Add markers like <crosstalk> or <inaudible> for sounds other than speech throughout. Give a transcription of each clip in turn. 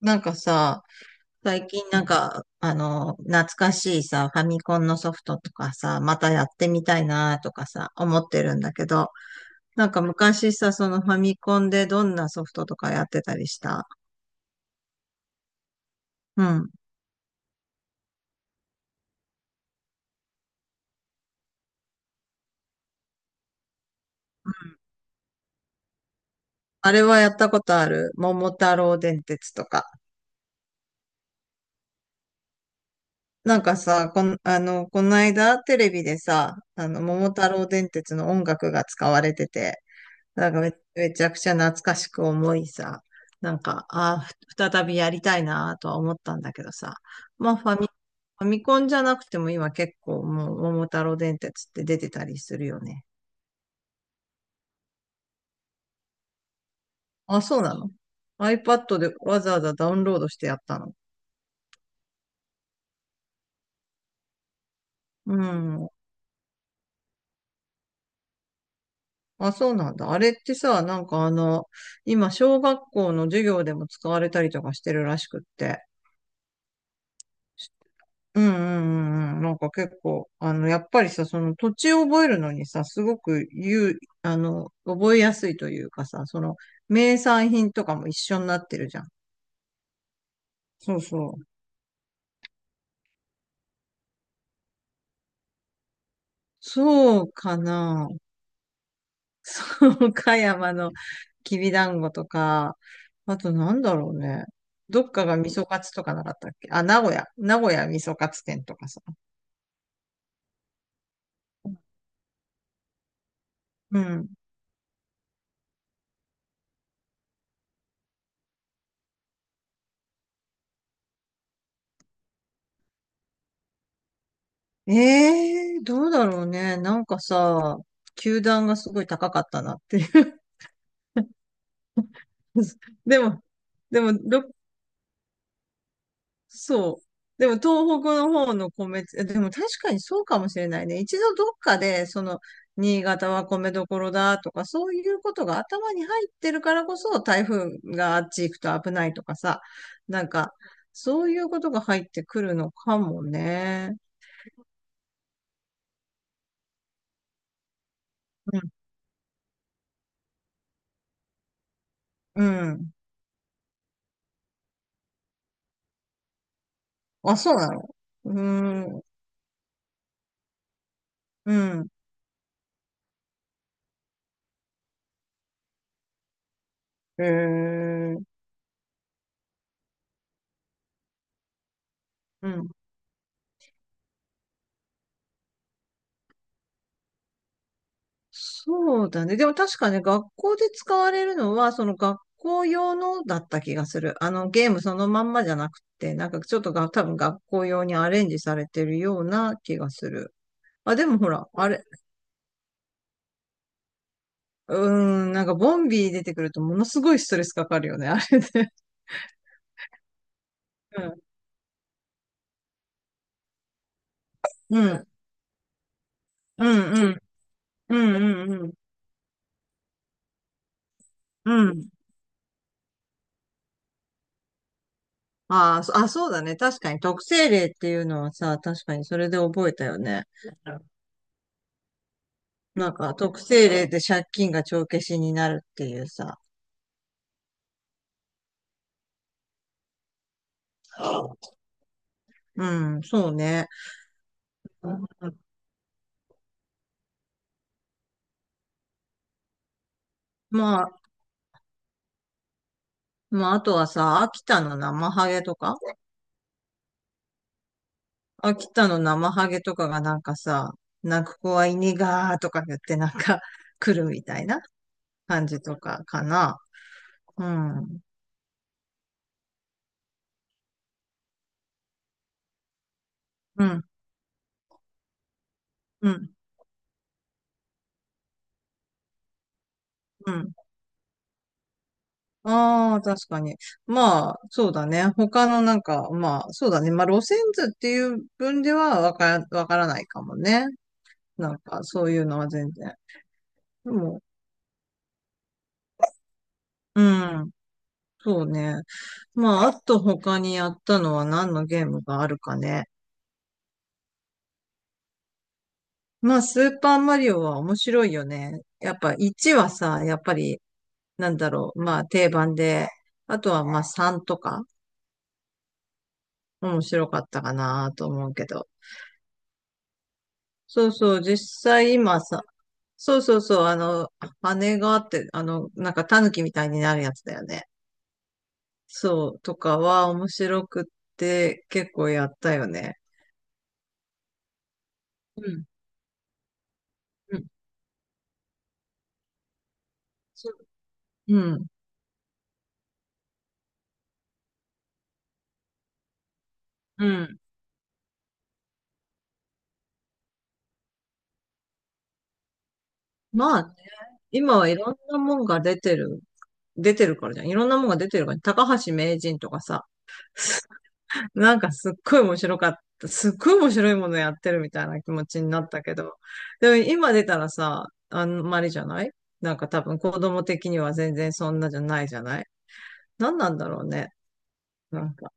なんかさ、最近なんか、懐かしいさ、ファミコンのソフトとかさ、またやってみたいなとかさ、思ってるんだけど、なんか昔さ、そのファミコンでどんなソフトとかやってたりした。うん。あれはやったことある。桃太郎電鉄とか。なんかさ、この間テレビでさ、桃太郎電鉄の音楽が使われてて、なんかめちゃくちゃ懐かしく思いさ、なんか、ああ、再びやりたいなとは思ったんだけどさ、まあファミコンじゃなくても今結構もう桃太郎電鉄って出てたりするよね。あ、そうなの？ iPad でわざわざダウンロードしてやったの。うん。あ、そうなんだ。あれってさ、なんか今小学校の授業でも使われたりとかしてるらしくって。うん、うん、うん、うん。なんか結構、やっぱりさ、その土地を覚えるのにさ、すごく言う、覚えやすいというかさ、その、名産品とかも一緒になってるじゃん。そうそう。そうかな。<laughs> そう、岡山のきびだんごとか、あとなんだろうね。どっかが味噌カツとかなかったっけ？あ、名古屋。名古屋味噌カツ店とかさ。うん。ええー、どうだろうね。なんかさ、球団がすごい高かったなっていう。 <laughs> でも、でも、ど、そう。でも、東北の方の米って、でも確かにそうかもしれないね。一度どっかで、その、新潟は米どころだとか、そういうことが頭に入ってるからこそ、台風があっち行くと危ないとかさ、なんか、そういうことが入ってくるのかもね。うん。うん。あ、そうなの。うーん。うん。へえ。うん。そうだね。でも確かね、学校で使われるのは、その学校用のだった気がする。ゲームそのまんまじゃなくて、なんかちょっとが、多分学校用にアレンジされてるような気がする。あ、でもほら、あれ、うーん、なんかボンビー出てくるとものすごいストレスかかるよね、あれで。うん、うん、うん、うん、うん、うん、うん。うん。あー、そうだね。確かに特性例っていうのはさ、確かにそれで覚えたよね。なんか特定例で借金が帳消しになるっていうさ。うん、そうね。まあ、あとはさ、秋田の生ハゲとか秋田の生ハゲとかがなんかさ、泣く子は犬がーとか言ってなんか <laughs> 来るみたいな感じとかかな。うん、うん、うん、うん。ああ、確かに。まあ、そうだね。他のなんか、まあ、そうだね。まあ、路線図っていう分ではわからないかもね。なんか、そういうのは全然。でも、うん、そうね。まあ、あと他にやったのは何のゲームがあるかね。まあ、スーパーマリオは面白いよね。やっぱ1はさ、やっぱり、なんだろう、まあ定番で、あとはまあ3とか、面白かったかなと思うけど。そうそう、実際今さ、そうそうそう、羽があって、なんか狸みたいになるやつだよね。そう、とかは面白くって結構やったよね。うん。うん。そう。うん。うん。まあ、今はいろんなもんが出てる。出てるからじゃん。いろんなもんが出てるからね。高橋名人とかさ、<laughs> なんかすっごい面白かった。すっごい面白いものやってるみたいな気持ちになったけど。でも今出たらさ、あんまりじゃない？なんか多分子供的には全然そんなじゃないじゃない？何なんだろうね。なんか。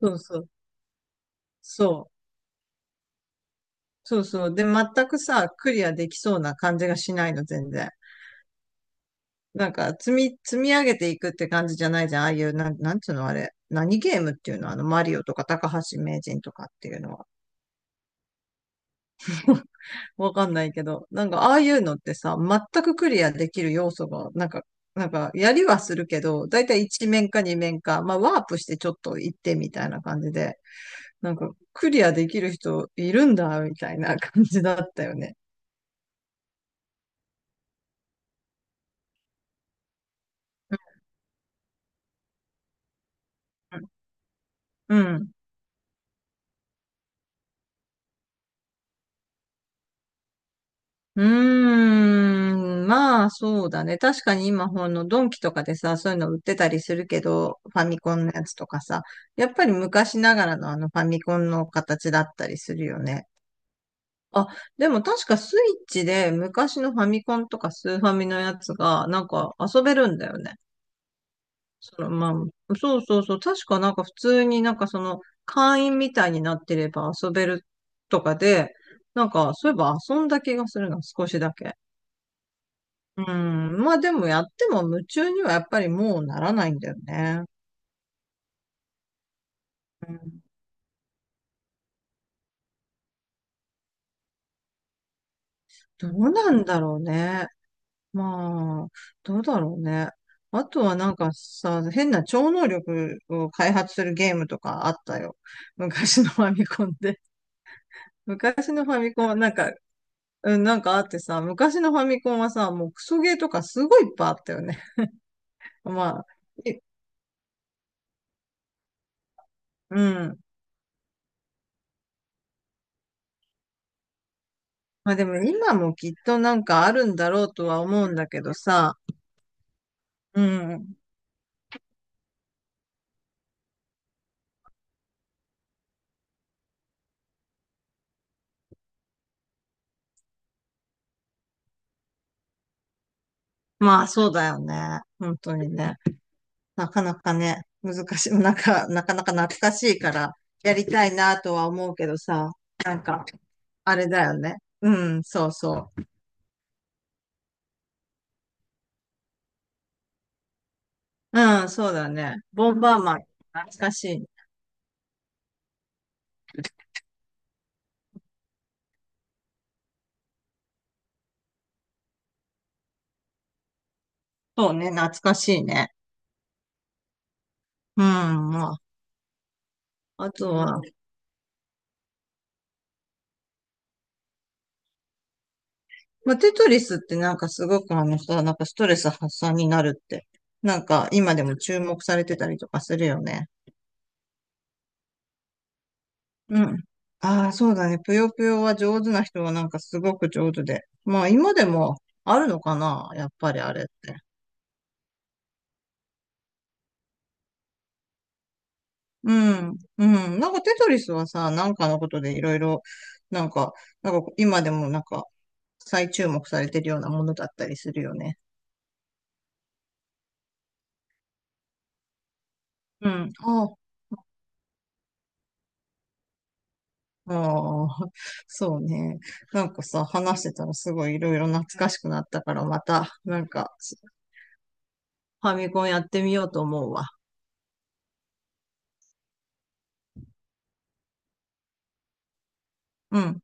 そうそう。そう。そうそう。で、全くさ、クリアできそうな感じがしないの、全然。なんか、積み上げていくって感じじゃないじゃん。ああいう、なんつうのあれ。何ゲームっていうの、マリオとか高橋名人とかっていうのは。<laughs> わかんないけど。なんか、ああいうのってさ、全くクリアできる要素が、なんか、やりはするけど、だいたい1面か2面か、まあ、ワープしてちょっと行ってみたいな感じで、なんか、クリアできる人いるんだ、みたいな感じだったよね。うん。うん。うーん、まあそうだね。確かに今、ほんのドンキとかでさ、そういうの売ってたりするけど、ファミコンのやつとかさ、やっぱり昔ながらのあのファミコンの形だったりするよね。あ、でも確かスイッチで昔のファミコンとかスーファミのやつがなんか遊べるんだよね。そのまあ、そうそうそう。確かなんか普通になんかその会員みたいになってれば遊べるとかで、なんかそういえば遊んだ気がするな、少しだけ。うん。まあでもやっても夢中にはやっぱりもうならないんだよね。うん。どうなんだろうね。まあ、どうだろうね。あとはなんかさ、変な超能力を開発するゲームとかあったよ。<laughs> 昔のファミコンで。<laughs> 昔のファミコンはなんか、うん、なんかあってさ、昔のファミコンはさ、もうクソゲーとかすごいいっぱいあったよね。<laughs> まあ、いうん。まあでも今もきっとなんかあるんだろうとは思うんだけどさ、うん。まあ、そうだよね。本当にね。なかなかね、難しい。<laughs> なんか、なかなか懐かしいから、やりたいなとは思うけどさ、なんか、あれだよね。うん、そうそう。うん、そうだね。ボンバーマン、懐かしい。そうね、懐かしいね。うん、まあ、あとは、まあ、テトリスってなんかすごくあのさ、なんかストレス発散になるって、なんか今でも注目されてたりとかするよね。うん。ああ、そうだね。ぷよぷよは上手な人はなんかすごく上手で。まあ今でもあるのかな、やっぱりあれって。うん。うん。なんかテトリスはさ、なんかのことでいろいろ、なんか、今でもなんか再注目されてるようなものだったりするよね。うん。ああ。ああ、そうね。なんかさ、話してたらすごいいろいろ懐かしくなったから、また、なんか、ファミコンやってみようと思うわ。うん。